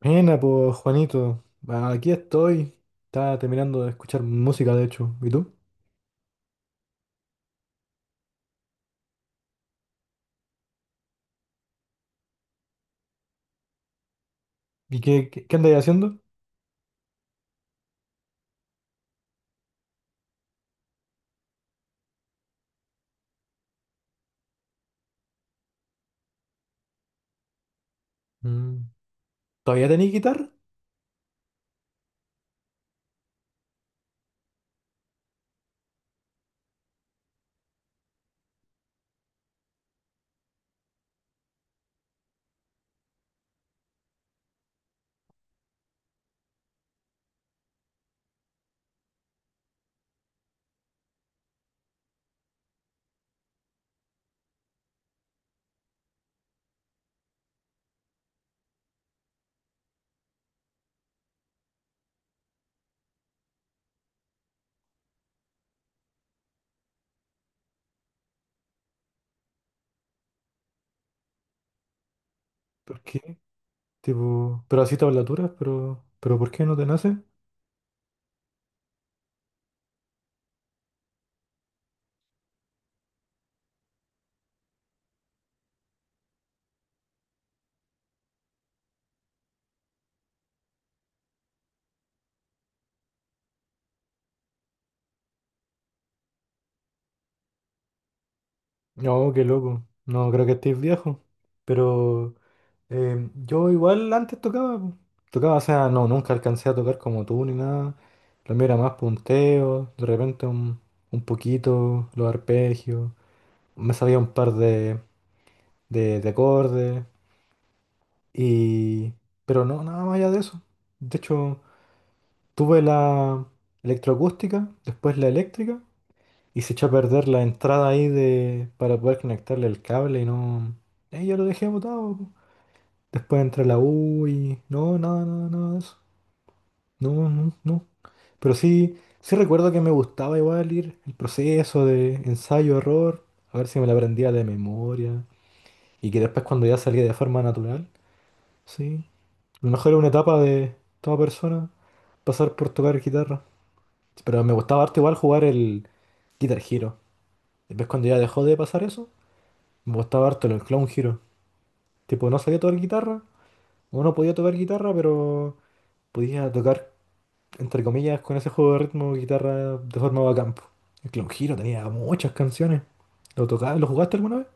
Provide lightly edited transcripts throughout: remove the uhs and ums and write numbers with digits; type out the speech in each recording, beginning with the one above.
Buena, pues Juanito. Ah, aquí estoy. Estaba terminando de escuchar música, de hecho. ¿Y tú? ¿Y qué, andáis haciendo? Mm. ¿Todavía tenéis guitarra? ¿Por qué? Tipo, pero así tablaturas, pero ¿por qué no te nace? No, qué loco. No, creo que estéis viejo. Pero yo igual antes tocaba, po. Tocaba, o sea, no, nunca alcancé a tocar como tú ni nada. Lo mío era más punteo, de repente un poquito, los arpegios. Me sabía un par de, acordes, y, pero no, nada más allá de eso. De hecho, tuve la electroacústica, después la eléctrica, y se echó a perder la entrada ahí de, para poder conectarle el cable, y no. Ahí ya lo dejé botado, po. Después entré a la U y, no, nada, nada, nada de eso. No, no, no. Pero sí, sí recuerdo que me gustaba igual ir el proceso de ensayo, error, a ver si me la aprendía de memoria, y que después cuando ya salía de forma natural, sí. A lo mejor es una etapa de toda persona pasar por tocar guitarra. Pero me gustaba harto igual jugar el Guitar Hero. Después cuando ya dejó de pasar eso, me gustaba harto el Clown Hero. Tipo, no sabía tocar guitarra, o no podía tocar guitarra, pero podía tocar, entre comillas, con ese juego de ritmo guitarra de forma bacán, po. El Clown Hero tenía muchas canciones. ¿Lo jugaste alguna vez?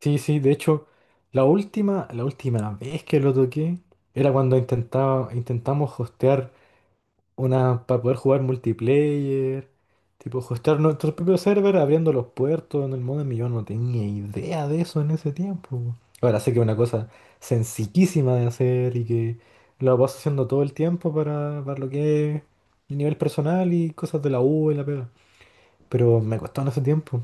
Sí, sí, de hecho, la última vez que lo toqué era cuando intentamos hostear una para poder jugar multiplayer, tipo hostear nuestro propio server abriendo los puertos en el modem y yo no tenía idea de eso en ese tiempo, po. Ahora sé que es una cosa sencillísima de hacer y que lo vas haciendo todo el tiempo para lo que es el nivel personal y cosas de la U y la pega. Pero me costó en ese tiempo.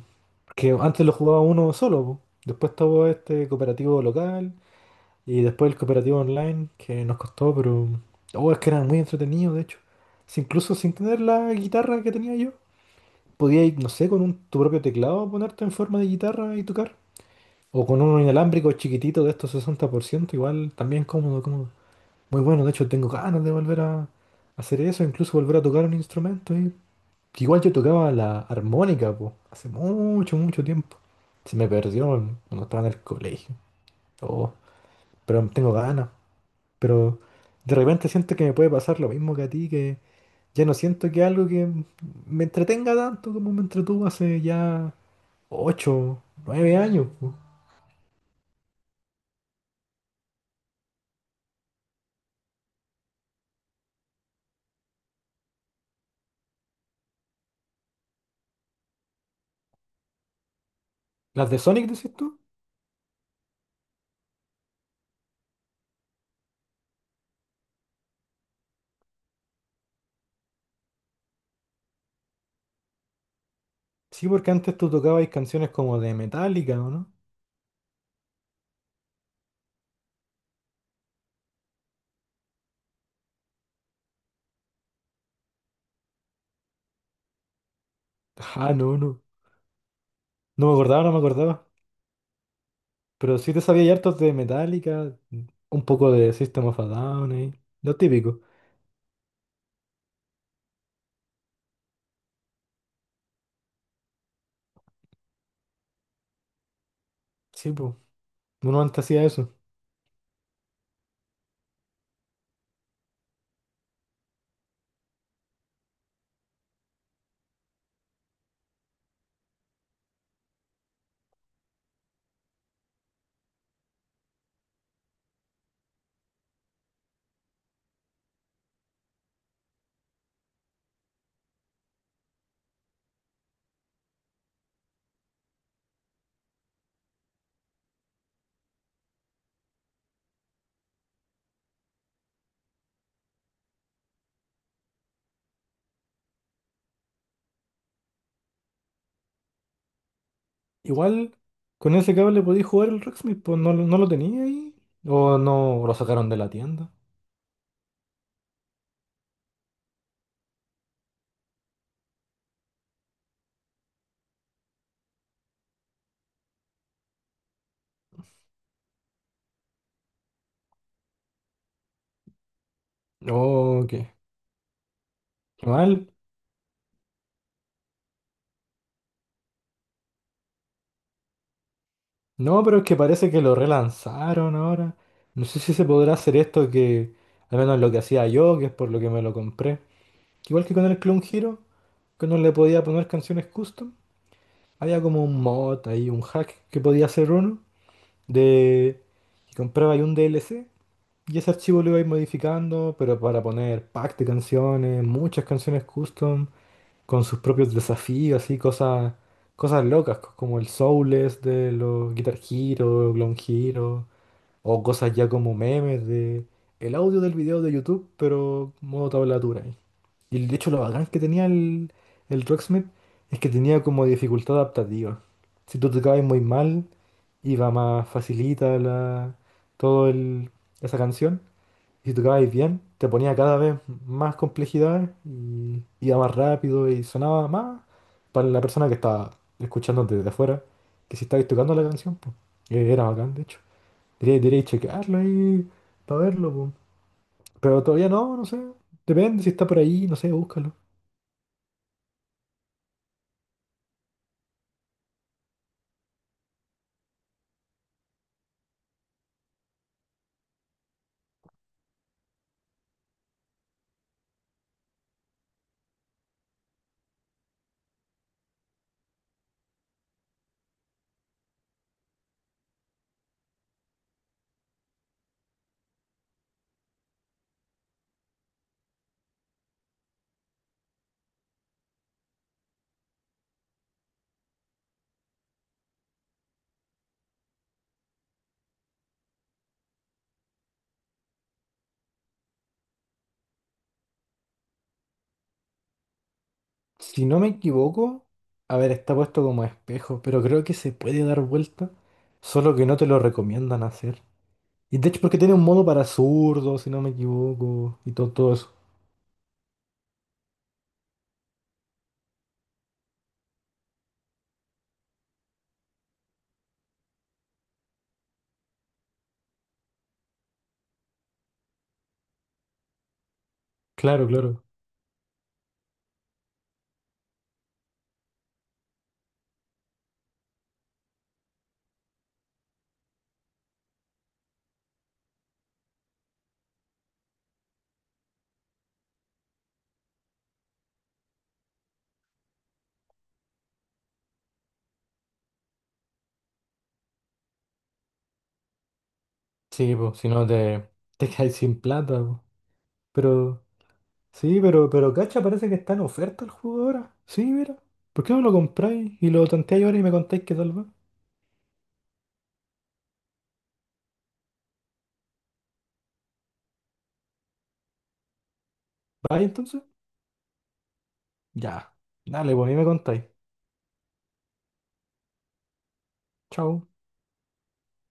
Porque antes lo jugaba uno solo, po. Después estaba este cooperativo local. Y después el cooperativo online, que nos costó, pero, oh, es que era muy entretenido, de hecho. Si incluso sin tener la guitarra que tenía yo, podías no sé, con tu propio teclado ponerte en forma de guitarra y tocar. O con uno inalámbrico chiquitito de estos 60% igual también cómodo, cómodo. Muy bueno, de hecho tengo ganas de volver a hacer eso, incluso volver a tocar un instrumento. Y, igual yo tocaba la armónica, po, hace mucho, mucho tiempo. Se me perdió cuando estaba en el colegio. Oh, pero tengo ganas. Pero de repente siento que me puede pasar lo mismo que a ti, que ya no siento que algo que me entretenga tanto como me entretuvo hace ya 8 9 años, po. ¿Las de Sonic decís tú? Sí, porque antes tú tocabas canciones como de Metallica, ¿o no? Ah, no, no. No me acordaba, no me acordaba. Pero sí te sabía hartos de Metallica, un poco de System of a Down ahí. Lo típico. Sí, pues. Uno antes hacía eso. Igual con ese cable podéis jugar el Rocksmith, pues no, no lo tenía ahí. O no lo sacaron de la tienda. Oh, qué mal. No, pero es que parece que lo relanzaron ahora. No sé si se podrá hacer esto que, al menos lo que hacía yo, que es por lo que me lo compré. Igual que con el Clone Hero, que no le podía poner canciones custom. Había como un mod ahí, un hack que podía hacer uno de que compraba ahí un DLC. Y ese archivo lo ibais modificando, pero para poner pack de canciones, muchas canciones custom, con sus propios desafíos así cosas, cosas locas, como el Soulless de los Guitar Hero, Clone Hero, o cosas ya como memes de el audio del video de YouTube, pero modo tablatura ahí. Y de hecho lo bacán que tenía el Rocksmith es que tenía como dificultad adaptativa. Si tú tocabas muy mal, iba más facilita la, todo el, esa canción si tocabais bien, te ponía cada vez más complejidades y iba más rápido y sonaba más para la persona que estaba escuchando desde afuera, que si estabais tocando la canción, pues era bacán, de hecho. Deberíais chequearlo ahí para verlo, pues. Pero todavía no, no sé. Depende si está por ahí, no sé, búscalo. Si no me equivoco, a ver, está puesto como espejo, pero creo que se puede dar vuelta, solo que no te lo recomiendan hacer. Y de hecho, porque tiene un modo para zurdos, si no me equivoco, y todo, todo eso. Claro, claro. Sí, pues, si no te, te caes sin plata, po. Pero, sí, pero cacha, parece que está en oferta el juego ahora. Sí, mira. ¿Por qué no lo compráis y lo tanteáis ahora y me contáis qué tal va? ¿Vais entonces? Ya. Dale, pues, ahí me contáis. Chao.